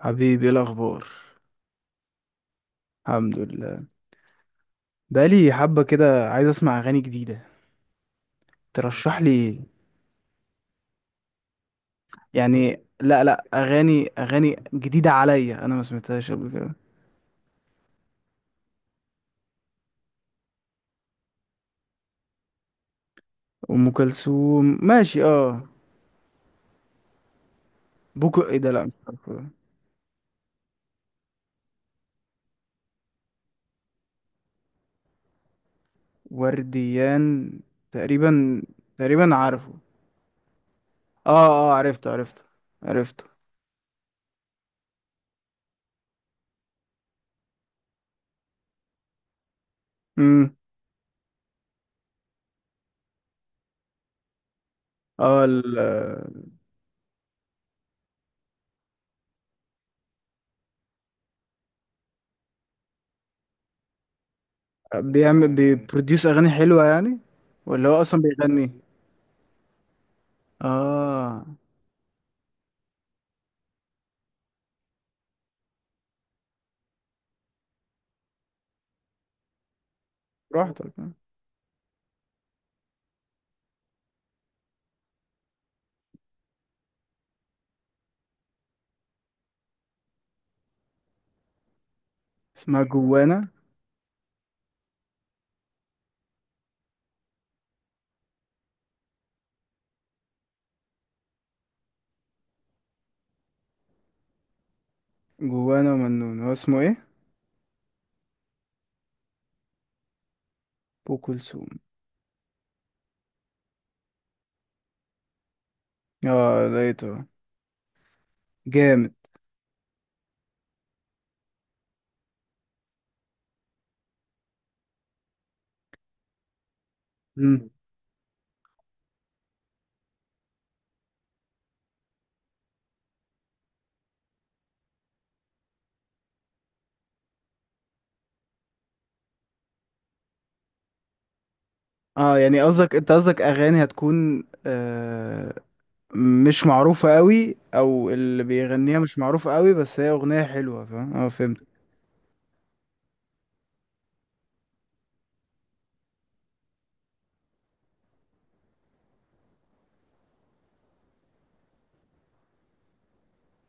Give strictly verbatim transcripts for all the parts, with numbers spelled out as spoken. حبيبي، ايه الاخبار؟ الحمد لله. بقالي حبه كده عايز اسمع اغاني جديده. ترشح لي ايه؟ يعني لا لا اغاني اغاني جديده عليا، انا ما سمعتهاش قبل كده. ام كلثوم، ماشي اه. بوكو ايه ده؟ لا مش عارفه. ورديان. تقريبا. تقريبا عارفه. اه اه عرفته عرفته عرفته. امم. اه ال- بيعمل بيبروديوس اغاني حلوه يعني؟ ولا هو اصلا بيغني؟ اه، براحتك. اسمها جوانا. جوانا ومنون، هو اسمه ايه؟ ابو كلثوم. اه لقيته. جامد. مم. اه يعني قصدك انت قصدك اغاني هتكون آه مش معروفة قوي، او اللي بيغنيها مش معروفة قوي، بس هي اغنية حلوة. فاهم، اه فهمت.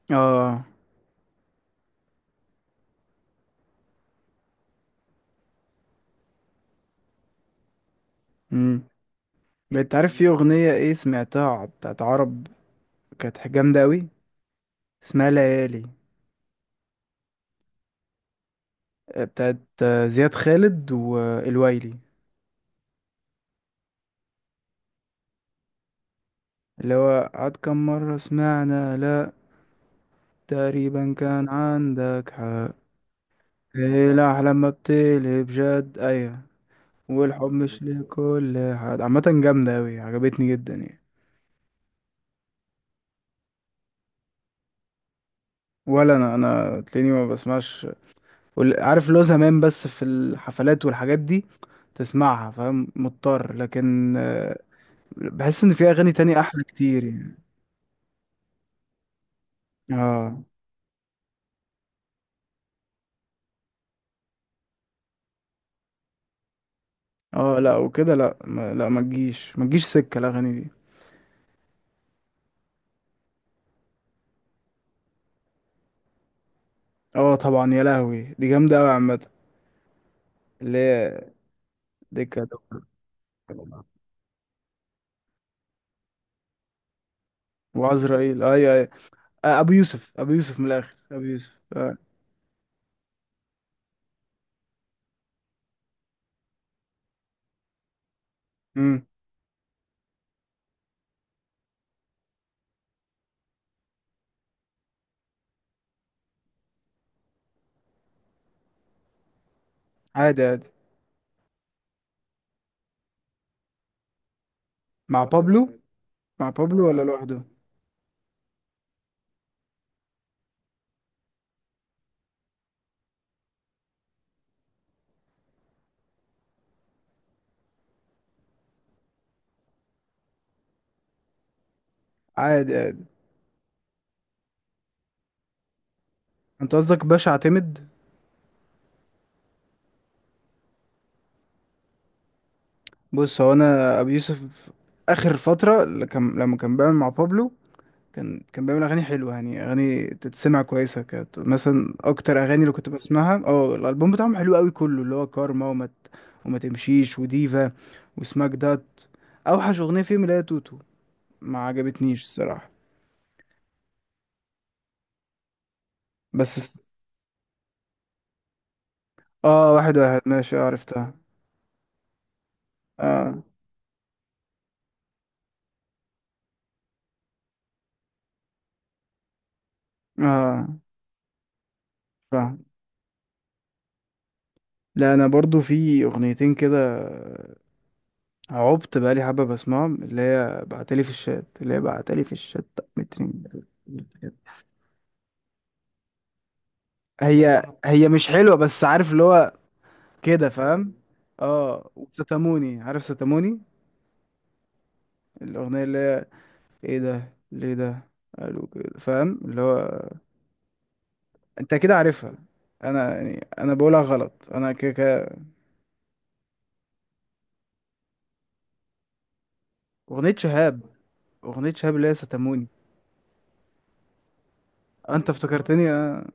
اه. امم. انت عارف في اغنية ايه سمعتها بتاعت عرب؟ كانت جامدة قوي. اسمها ليالي. آه، بتاعت آه، زياد خالد والويلي، اللي هو عاد كم مرة سمعنا. لا تقريبا كان عندك حق. إيه لا، لما بتقلب جد، أيوة. والحب مش لكل حد، عامة جامدة أوي، عجبتني جدا يعني. ولا أنا أنا تلاقيني ما بسمعش. وال- عارف، لو زمان بس في الحفلات والحاجات دي تسمعها، فاهم، مضطر. لكن آه، بحس إن في أغاني تانية أحلى كتير يعني. اه اه لا وكده، لا ما لا ما تجيش، ما تجيش سكة الأغاني دي. اه طبعا، يا لهوي دي جامدة أوي عامة. اللي هي دكة. وعزرائيل، أيوة أيوة. آه، ابو يوسف، ابو يوسف من الاخر، ابو يوسف آه. امم. عادي عادي. مع بابلو. مع بابلو ولا لوحده؟ عادي عادي. انت قصدك باشا اعتمد؟ بص هو انا ابو يوسف. اخر فتره اللي كان لما كان بيعمل مع بابلو، كان كان بيعمل اغاني حلوه يعني، اغاني تتسمع كويسه. كانت مثلا اكتر اغاني اللي كنت بسمعها. اه الالبوم بتاعهم حلو قوي كله، اللي هو كارما، وما وما تمشيش، وديفا، وسماك دات. اوحش اغنيه فيهم اللي هي توتو، ما عجبتنيش الصراحه. بس. اه واحد واحد ماشي، آه، عرفتها. اه اه فاهم. لا انا برضو في اغنيتين كده عبت بقالي حبه بسمعهم، اللي هي بعتلي في الشات اللي هي بعتلي في الشات مترين. هي هي مش حلوه، بس عارف اللي هو كده، فاهم. اه وستاموني، عارف ستاموني؟ الاغنيه اللي هي ايه ده؟ ليه ده قالوا كده؟ فاهم اللي هو. انت كده عارفها. انا يعني انا بقولها غلط، انا كده كده. اغنيه شهاب. اغنيه شهاب اللي هي ستاموني. انت افتكرتني اه.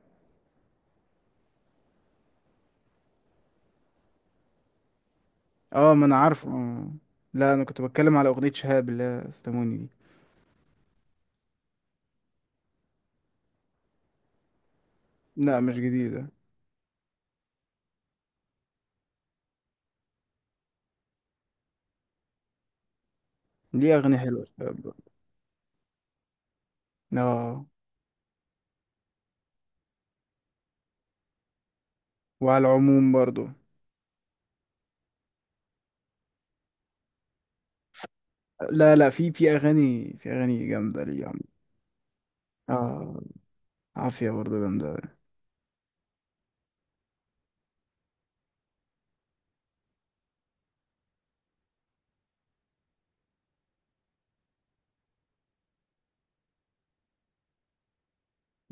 آه، ما انا عارفه آه. لا انا كنت بتكلم على اغنية شهاب اللي هي استموني دي. لا مش جديدة. دي اغنية حلوة شهاب. اه وعلى العموم برضو. لا لا في في اغاني في اغاني جامدة ليه يا عم. اه عافية برضو جامدة أوي.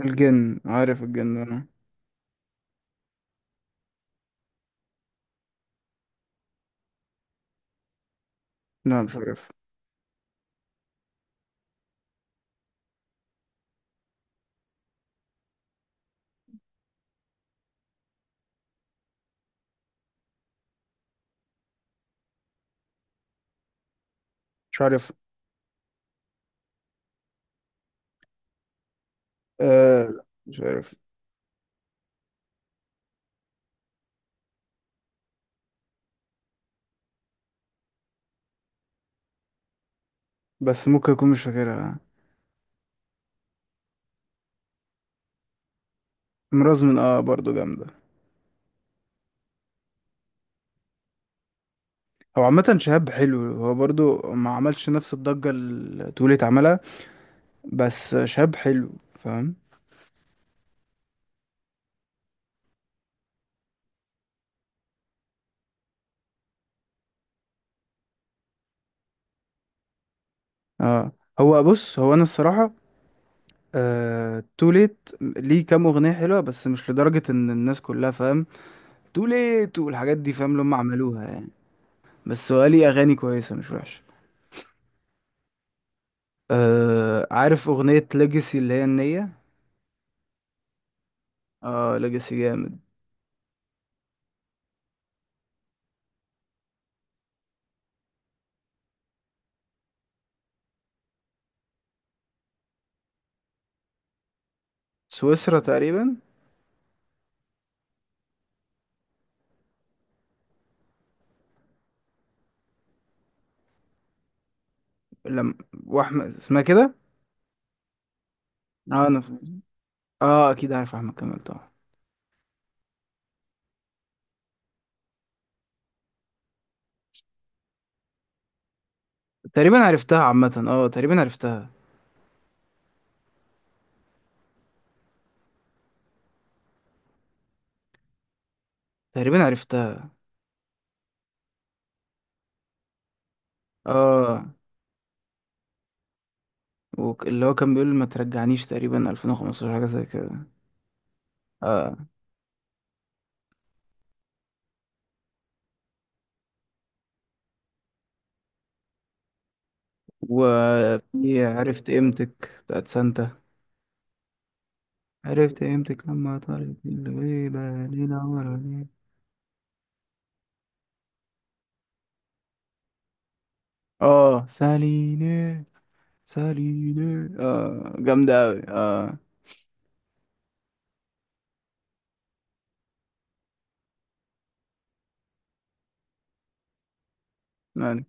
الجن، عارف الجن انا؟ لا مش عارف. مش عارف. آه لا، مش عارف. بس ممكن اكون مش فاكرها. امراض من، اه برضو جامدة. هو عامة شهاب حلو، هو برضو ما عملش نفس الضجة اللي تقولي اتعملها. بس شاب حلو. فاهم. اه هو بص، هو انا الصراحه آه تو ليت ليه كام اغنيه حلوه، بس مش لدرجه ان الناس كلها فاهم تو ليت والحاجات دي، فاهم اللي هم عملوها يعني. بس هو ليه اغاني كويسه مش وحشه. آه عارف اغنيه ليجاسي اللي هي النيه؟ اه ليجاسي جامد. سويسرا تقريبا. لم. واحمد اسمها كده. اه انا، اه اكيد عارف احمد كمال طبعا. تقريبا عرفتها عامه، اه تقريبا عرفتها. تقريبا عرفتها. اه وك- اللي هو كان بيقول ما ترجعنيش تقريبا ألفين وخمستاشر حاجة زي كده. اه وفي عرفت قيمتك بتاعت سانتا. عرفت قيمتك لما طارت الغيبة ليلة ورا ليلة. اه ساليني. ساليني اه جامدة أوي اه. يعني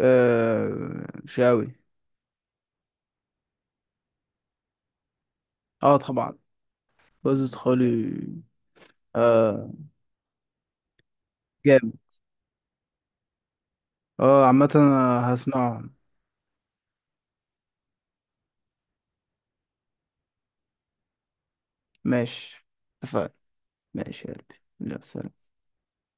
آه شاوي. اه طبعا، بس خالي. اه جامد. اه عامة أنا هسمعهم. ماشي. اتفقنا. ماشي يا قلبي. لا، سلام.